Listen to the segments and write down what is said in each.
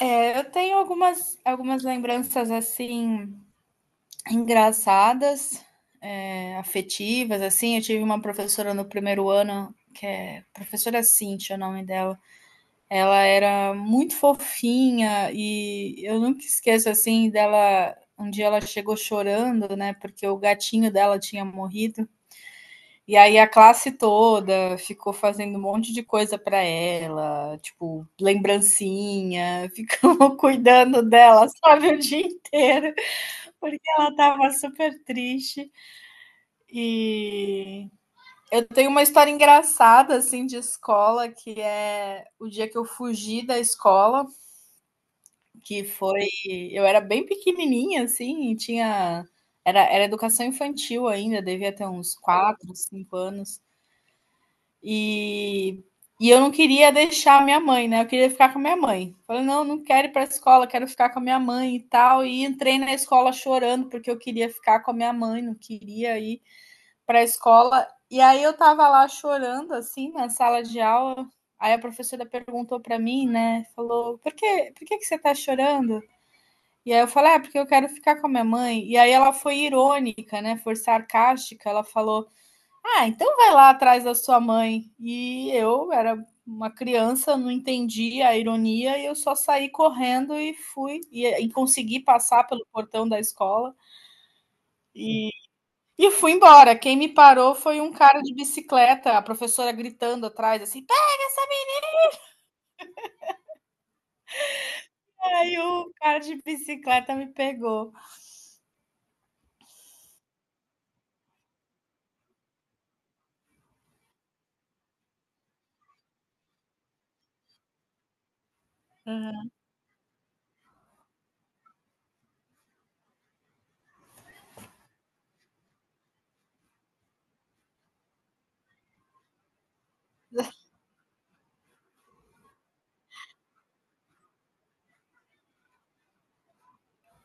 É, eu tenho algumas lembranças assim engraçadas, afetivas, assim. Eu tive uma professora no primeiro ano, que é professora Cíntia, o nome dela. Ela era muito fofinha e eu nunca esqueço assim dela. Um dia ela chegou chorando, né? Porque o gatinho dela tinha morrido. E aí a classe toda ficou fazendo um monte de coisa para ela, tipo, lembrancinha, ficou cuidando dela, sabe, o dia inteiro, porque ela estava super triste. E eu tenho uma história engraçada assim de escola, que é o dia que eu fugi da escola, que foi, eu era bem pequenininha assim, e tinha era educação infantil ainda, devia ter uns 4 5 anos. E, e eu não queria deixar minha mãe, né? Eu queria ficar com a minha mãe. Falei, não, não quero ir para a escola, quero ficar com a minha mãe e tal. E entrei na escola chorando, porque eu queria ficar com a minha mãe, não queria ir para a escola. E aí eu tava lá chorando, assim, na sala de aula. Aí a professora perguntou para mim, né? Falou, por que que você tá chorando? E aí eu falei, ah, porque eu quero ficar com a minha mãe. E aí ela foi irônica, né? Foi sarcástica. Ela falou, ah, então vai lá atrás da sua mãe. E eu era uma criança, não entendi a ironia e eu só saí correndo e e consegui passar pelo portão da escola e, e fui embora. Quem me parou foi um cara de bicicleta, a professora gritando atrás assim: "Pega essa!" Aí o cara de bicicleta me pegou. Uhum.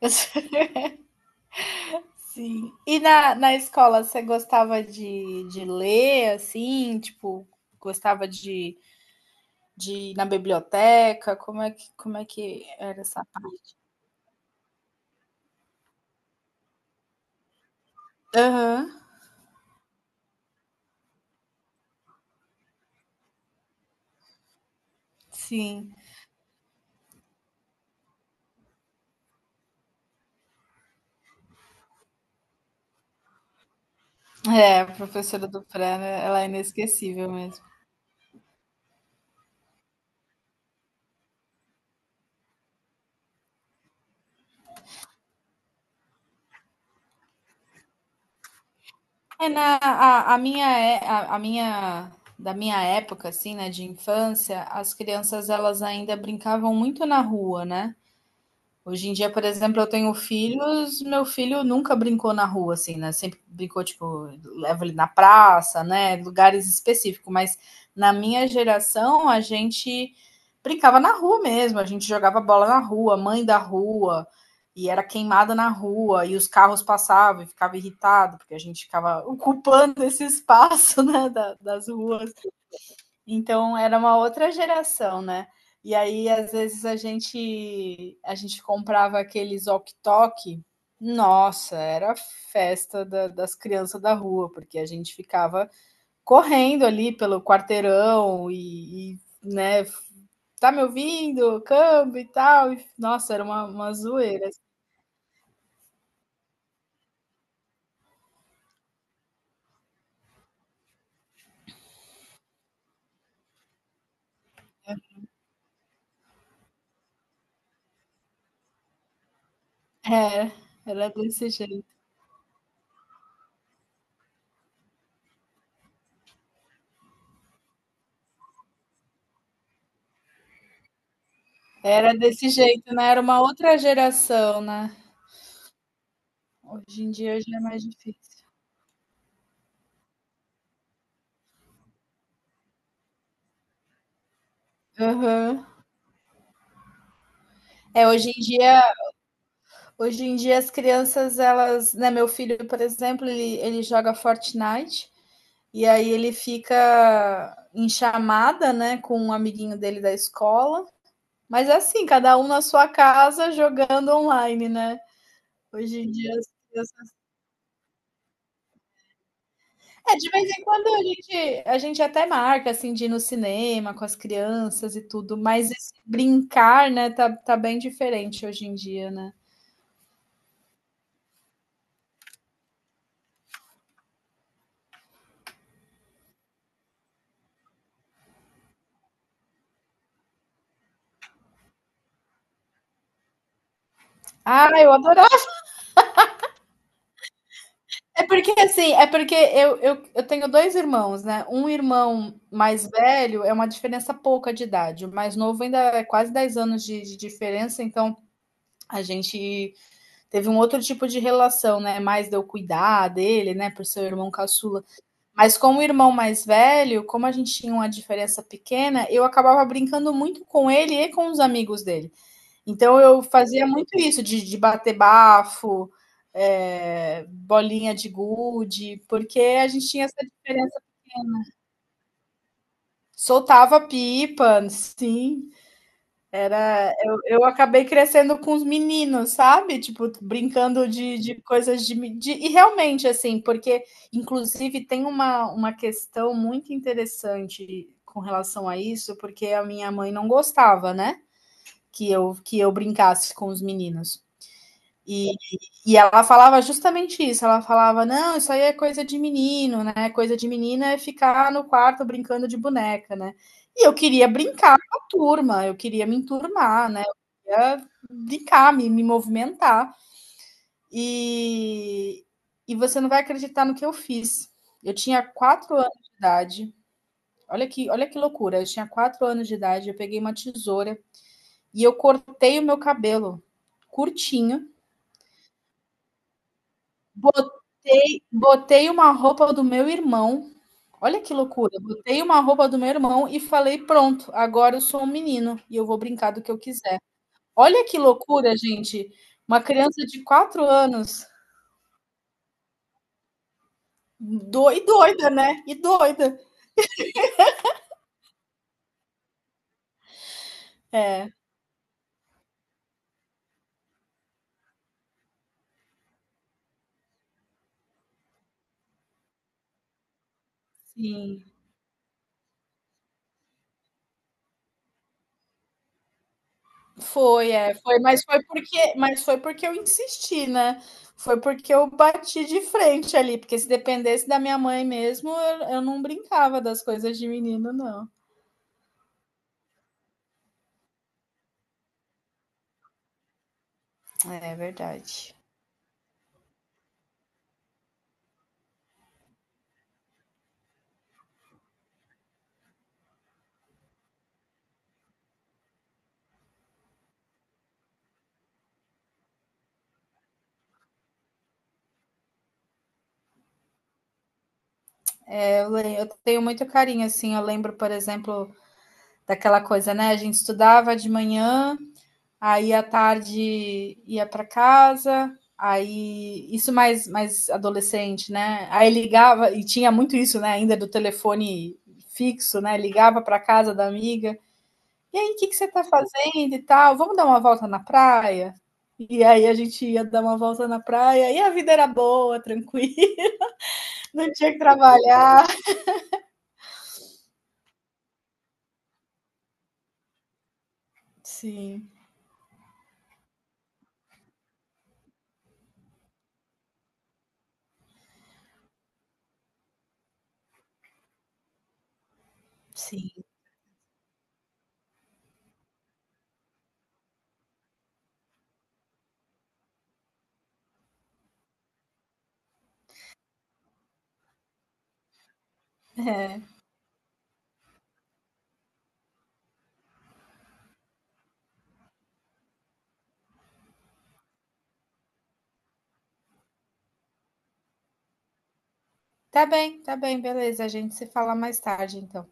Sim. E na escola você gostava de ler assim, tipo, gostava de ir na biblioteca? Como é que era essa parte? Aham, sim. É, a professora do pré, né, ela é inesquecível mesmo. É, na, a minha, é- a minha, da minha época, assim, né, de infância, as crianças, elas ainda brincavam muito na rua, né? Hoje em dia, por exemplo, eu tenho filhos, meu filho nunca brincou na rua, assim, né? Sempre brincou, tipo, leva ele na praça, né? Lugares específicos, mas na minha geração a gente brincava na rua mesmo, a gente jogava bola na rua, mãe da rua, e era queimada na rua, e os carros passavam e ficava irritado, porque a gente ficava ocupando esse espaço, né, das ruas, então era uma outra geração, né. E aí às vezes a gente comprava aqueles walkie-talkie, nossa, era a festa da das crianças da rua, porque a gente ficava correndo ali pelo quarteirão e, né, "Tá me ouvindo? Câmbio e tal", e nossa, era uma zoeira. É, era desse jeito. Era desse jeito, né, era uma outra geração, né. Hoje em dia já é mais difícil. Aham. É, hoje em dia Hoje em dia as crianças, elas, né, meu filho, por exemplo, ele joga Fortnite e aí ele fica em chamada, né, com um amiguinho dele da escola. Mas é assim, cada um na sua casa jogando online, né? Hoje em dia as crianças... É, de vez em quando a gente até marca, assim, de ir no cinema com as crianças e tudo, mas esse brincar, né, tá bem diferente hoje em dia, né? Ah, eu adoro. É porque assim, é porque eu tenho dois irmãos, né? Um irmão mais velho é uma diferença pouca de idade, o mais novo ainda é quase 10 anos de diferença, então a gente teve um outro tipo de relação, né? Mais de eu cuidar dele, né? Por ser o irmão caçula. Mas com o irmão mais velho, como a gente tinha uma diferença pequena, eu acabava brincando muito com ele e com os amigos dele. Então eu fazia muito isso de bater bafo, bolinha de gude, porque a gente tinha essa diferença. Soltava pipa, sim. Eu acabei crescendo com os meninos, sabe, tipo, brincando de coisas de e realmente, assim, porque inclusive tem uma questão muito interessante com relação a isso, porque a minha mãe não gostava, né, que eu brincasse com os meninos. E, e ela falava justamente isso. Ela falava: não, isso aí é coisa de menino, né? Coisa de menina é ficar no quarto brincando de boneca, né? E eu queria brincar com a turma, eu queria me enturmar, né? Eu queria brincar, me movimentar. E, e você não vai acreditar no que eu fiz. Eu tinha 4 anos de idade. Olha que loucura. Eu tinha quatro anos de idade. Eu peguei uma tesoura e eu cortei o meu cabelo curtinho. Botei uma roupa do meu irmão. Olha que loucura. Botei uma roupa do meu irmão e falei: pronto, agora eu sou um menino e eu vou brincar do que eu quiser. Olha que loucura, gente. Uma criança de 4 anos. E doida, né? E doida. É, sim. Foi, é, foi, mas foi porque eu insisti, né? Foi porque eu bati de frente ali, porque se dependesse da minha mãe mesmo, eu não brincava das coisas de menino, não. É verdade. Eu tenho muito carinho, assim. Eu lembro, por exemplo, daquela coisa, né? A gente estudava de manhã, aí à tarde ia para casa, aí isso mais adolescente, né? Aí ligava, e tinha muito isso, né? Ainda do telefone fixo, né? Ligava para casa da amiga. E aí, o que que você está fazendo e tal? Vamos dar uma volta na praia? E aí a gente ia dar uma volta na praia e a vida era boa, tranquila, não tinha que trabalhar. Sim, sim. É. Tá bem, beleza. A gente se fala mais tarde, então.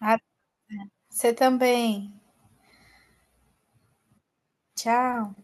Ah, você também. Tchau.